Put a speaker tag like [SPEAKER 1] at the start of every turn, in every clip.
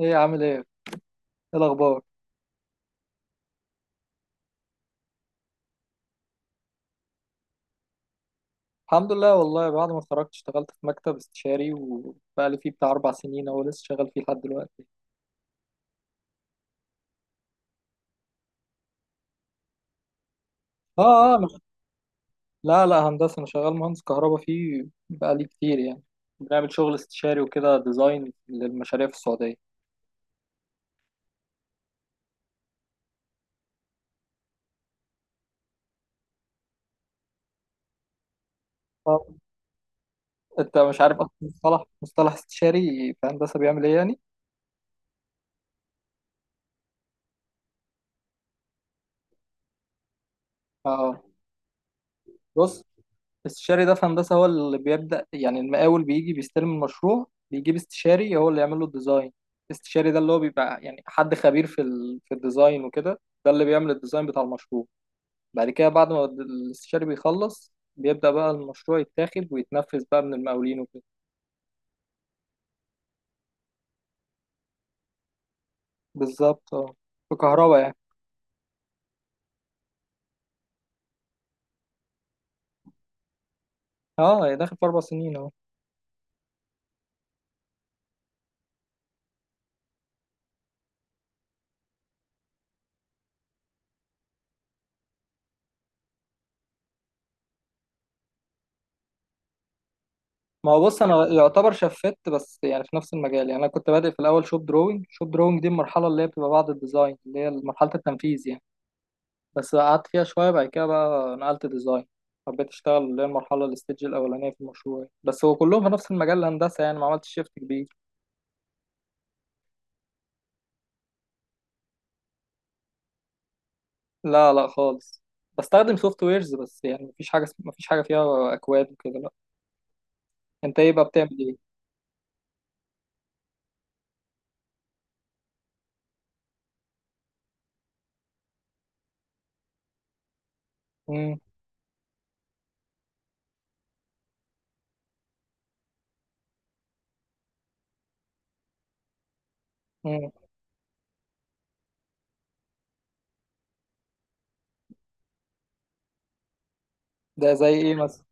[SPEAKER 1] ايه عامل ايه؟ ايه الاخبار؟ الحمد لله، والله بعد ما اتخرجت اشتغلت في مكتب استشاري وبقالي فيه بتاع 4 سنين اهو، لسه شغال فيه لحد دلوقتي. اه اه، مش... لا لا، هندسة. انا شغال مهندس كهرباء فيه بقالي كتير يعني. بنعمل شغل استشاري وكده، ديزاين للمشاريع في السعودية. اه، انت مش عارف اصلا مصطلح استشاري في هندسة بيعمل ايه يعني؟ اه، بص، الاستشاري ده في هندسة هو اللي بيبدأ. يعني المقاول بيجي بيستلم المشروع، بيجيب استشاري هو اللي يعمل له الديزاين. الاستشاري ده اللي هو بيبقى يعني حد خبير في الديزاين وكده. ده اللي بيعمل الديزاين بتاع المشروع. بعد كده، بعد ما الاستشاري بيخلص بيبدأ بقى المشروع يتاخد ويتنفذ بقى من المقاولين وكده. بالظبط اه، في كهرباء يعني. اه، هي داخل في 4 سنين اهو. ما هو بص، انا يعتبر شفت بس يعني في نفس المجال. يعني انا كنت بادئ في الاول شوب دروينج، شوب دروينج دي المرحله اللي هي بتبقى بعد الديزاين، اللي هي مرحله التنفيذ يعني. بس قعدت فيها شوية، بعد كده بقى نقلت ديزاين، حبيت اشتغل اللي هي المرحلة الستيج الأولانية في المشروع. بس هو كلهم في نفس المجال الهندسة يعني، ما عملتش شيفت كبير. لا لا خالص. بستخدم سوفت ويرز بس، يعني مفيش حاجة مفيش حاجة فيها أكواد وكده، لا. أنت إيه بقى بتعمل إيه؟ مم. مم. ده زي إيه مثلا؟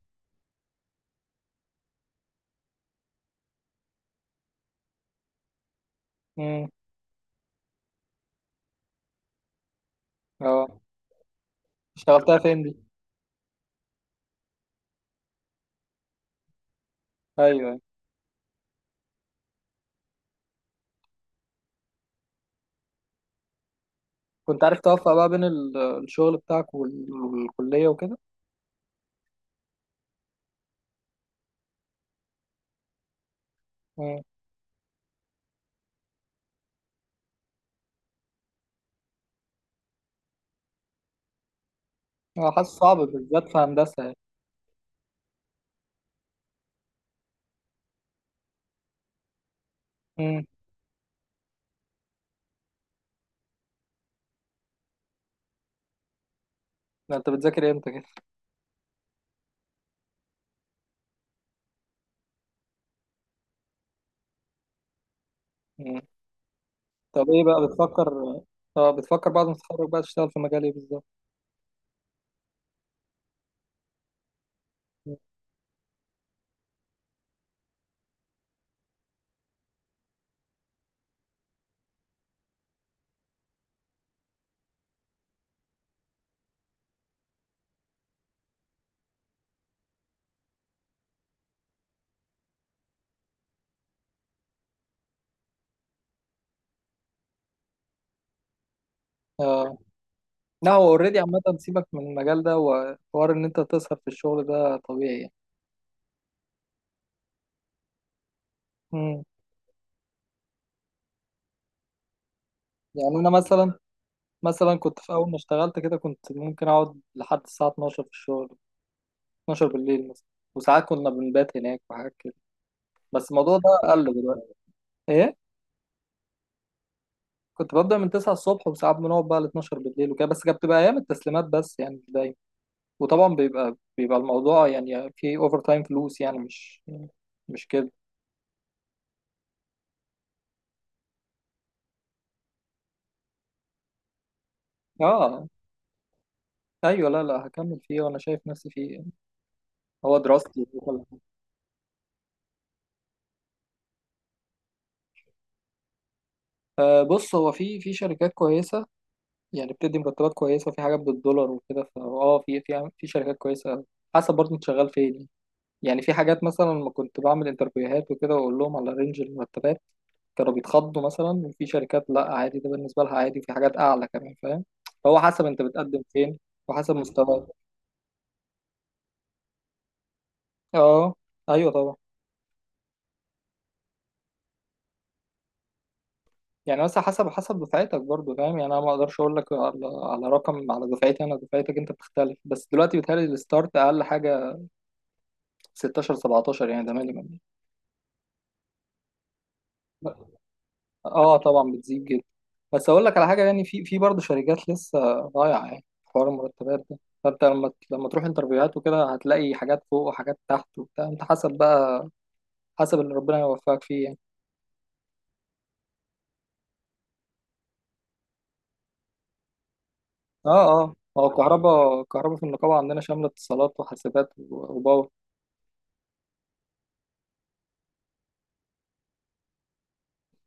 [SPEAKER 1] مم. أه. اشتغلتها فين دي؟ أيوه أيوه. كنت عارف توفق بقى بين الشغل بتاعك والكلية وكده؟ مم. أه، حاسس صعب بالذات في هندسة يعني. مم. ده أنت بتذاكر إمتى كده؟ إمم. طب ايه بقى بتفكر بعد ما تتخرج بقى تشتغل في مجال ايه بالظبط؟ اه، لا هو اوريدي عامة سيبك من المجال ده، وحوار ان انت تسهر في الشغل ده طبيعي يعني. مم. يعني انا مثلا كنت في اول ما اشتغلت كده كنت ممكن اقعد لحد الساعة 12 في الشغل. 12 بالليل مثلا، وساعات كنا بنبات هناك وحاجات كده، بس الموضوع ده قل دلوقتي. ايه؟ كنت ببدأ من 9 الصبح وساعات بنقعد بقى ل 12 بالليل وكده، بس كانت بتبقى ايام التسليمات بس يعني ده. وطبعا بيبقى الموضوع يعني في اوفر تايم، فلوس يعني، مش كده. اه ايوه، لا لا، هكمل فيه وانا شايف نفسي فيه يعني. هو دراستي وكل حاجة. آه، بص هو في شركات كويسه، يعني بتدي مرتبات كويسه، في حاجات بالدولار وكده، فاه في شركات كويسه أوي. حسب برضه انت شغال فين يعني. يعني في حاجات مثلا لما كنت بعمل انترفيوهات وكده واقول لهم على رينج المرتبات كانوا بيتخضوا مثلا، وفي شركات لا عادي، ده بالنسبه لها عادي، وفي حاجات اعلى كمان فاهم. فهو حسب انت بتقدم فين وحسب مستواك. اه ايوه طبعا. يعني بس حسب دفعتك برضو فاهم يعني، انا ما اقدرش اقول لك على رقم على دفعتي. انا دفعتك انت بتختلف. بس دلوقتي بيتهيألي الستارت اقل حاجه 16 17، يعني ده مينيمم. اه طبعا بتزيد جدا. بس اقول لك على حاجه، يعني في برضه شركات لسه ضايعه يعني في حوار المرتبات ده. فانت لما تروح انترفيوهات وكده هتلاقي حاجات فوق وحاجات تحت وبتاع، انت حسب بقى، حسب اللي ربنا يوفقك فيه يعني. اه اه، هو الكهرباء في النقابه عندنا شامله اتصالات وحاسبات وباور.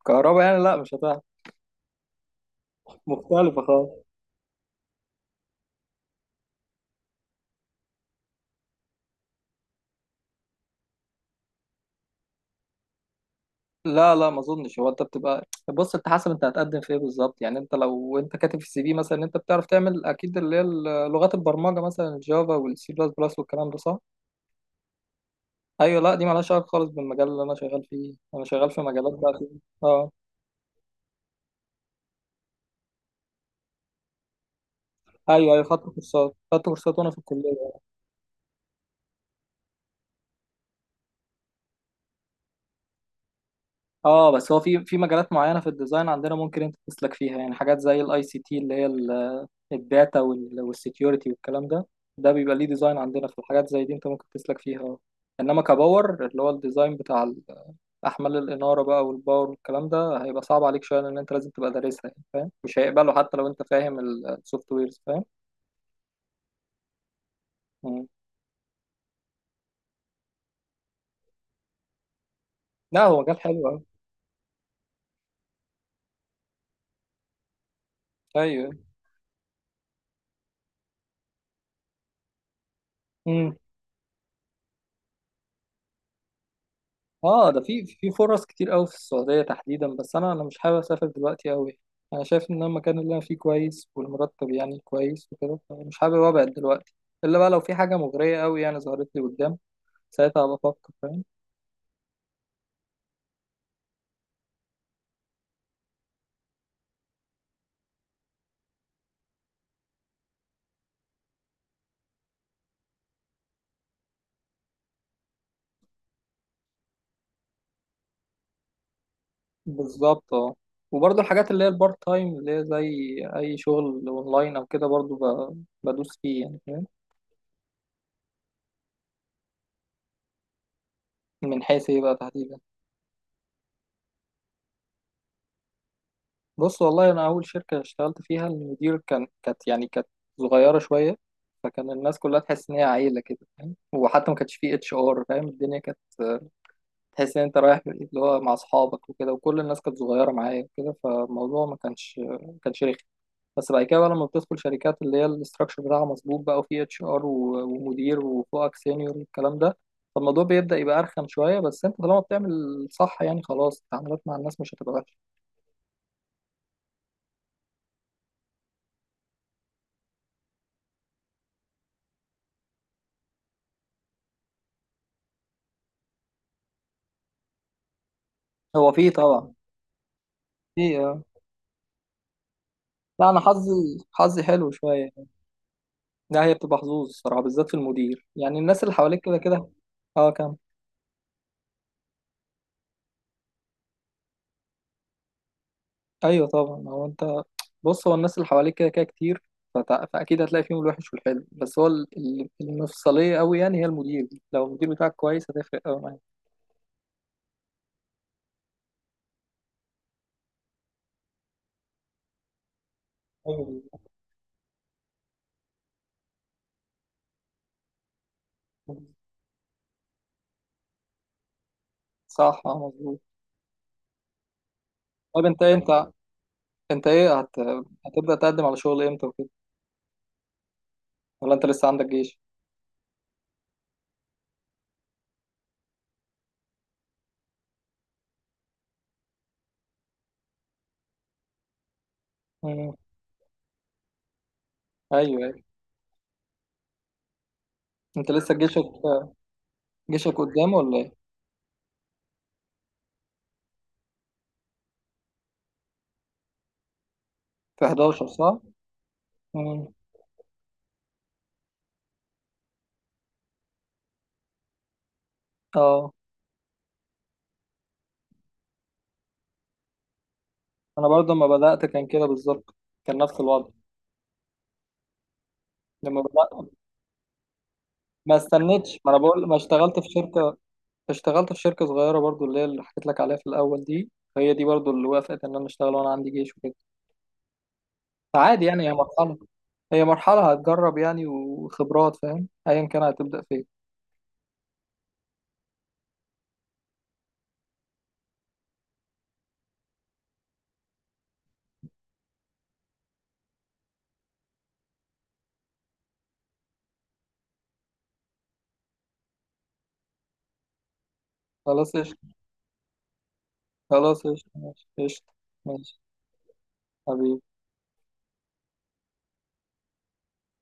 [SPEAKER 1] كهرباء يعني، لا مش هتعرف، مختلفة خالص. لا لا، ما اظنش. هو انت بتبقى، بص انت حسب انت هتقدم في ايه بالظبط يعني. انت لو انت كاتب في السي في مثلا إن انت بتعرف تعمل اكيد اللي هي لغات البرمجه مثلا، الجافا والسي بلس بلس والكلام ده، صح؟ ايوه، لا دي مالهاش علاقه خالص بالمجال اللي انا شغال فيه. انا شغال في مجالات بقى فيه. اه ايوه ايوه، خدت كورسات وانا في الكليه. اه، بس هو في مجالات معينه في الديزاين عندنا ممكن انت تسلك فيها يعني، حاجات زي الاي سي تي اللي هي الداتا والسكيورتي والكلام ده، ده بيبقى ليه ديزاين عندنا في الحاجات زي دي، انت ممكن تسلك فيها. انما كباور اللي هو الديزاين بتاع احمال الاناره بقى والباور والكلام ده، هيبقى صعب عليك شويه لان انت لازم تبقى دارسها يعني فاهم، مش هيقبله حتى لو انت فاهم السوفت ويرز فاهم. مم. لا هو مجال حلو قوي. ايوه. مم. اه، ده في فرص كتير قوي في السعودية تحديدا، بس انا مش حابب اسافر دلوقتي قوي. انا شايف ان أنا المكان اللي انا فيه كويس والمرتب يعني كويس وكده، فمش حابب ابعد دلوقتي. الا بقى لو في حاجة مغرية قوي يعني ظهرت لي قدام، ساعتها بفكر فاهم. بالظبط اه، وبرضه الحاجات اللي هي البارت تايم اللي هي زي اي شغل اونلاين او كده، برضه بدوس فيه يعني فاهم. من حيث ايه بقى تحديدا؟ بص والله انا اول شركه اشتغلت فيها المدير كانت صغيره شويه، فكان الناس كلها تحس ان هي عيله كده فاهم، وحتى ما كانش فيه اتش ار فاهم، الدنيا كانت تحس ان انت رايح اللي هو مع اصحابك وكده، وكل الناس كانت صغيره معايا وكده، فالموضوع ما كانش رخي. بس بعد كده بقى لما بتدخل شركات اللي هي الاستراكشر بتاعها مظبوط بقى وفيه اتش ار ومدير وفوقك سينيور والكلام ده، فالموضوع بيبدأ يبقى أرخم شوية، بس أنت طالما بتعمل صح يعني خلاص التعاملات مع الناس مش هتبقى وحشة. هو فيه طبعا. فيه. لا انا حظي حلو شويه. لا هي بتبقى حظوظ الصراحه، بالذات في المدير يعني الناس اللي حواليك كده كده. اه كام. ايوه طبعا هو انت، بص هو الناس اللي حواليك كده كده كتير، فاكيد هتلاقي فيهم الوحش والحلو، بس هو المفصليه قوي يعني هي المدير دي. لو المدير بتاعك كويس هتفرق قوي معاك. أيوة. صح اه مظبوط. طب انت انت ايه هتبدا تقدم على شغل امتى وكده، ولا انت لسه عندك جيش؟ مم. ايوه ايوه. انت لسه جيشك قدام ولا ايه؟ في 11 صح؟ مم. اه، انا برضو لما بدأت كان كده بالظبط، كان نفس الوضع لما بدأت. ما استنيتش، ما انا بقول، ما اشتغلت في شركة صغيرة برضو اللي هي اللي حكيت لك عليها في الاول دي. هي دي برضو اللي وافقت ان انا اشتغل وانا عندي جيش وكده. فعادي يعني، هي مرحلة هتجرب يعني وخبرات فاهم ايا كان هتبدأ فين. خلاص قشطة. خلاص قشطة ماشي قشطة. ماشي حبيبي.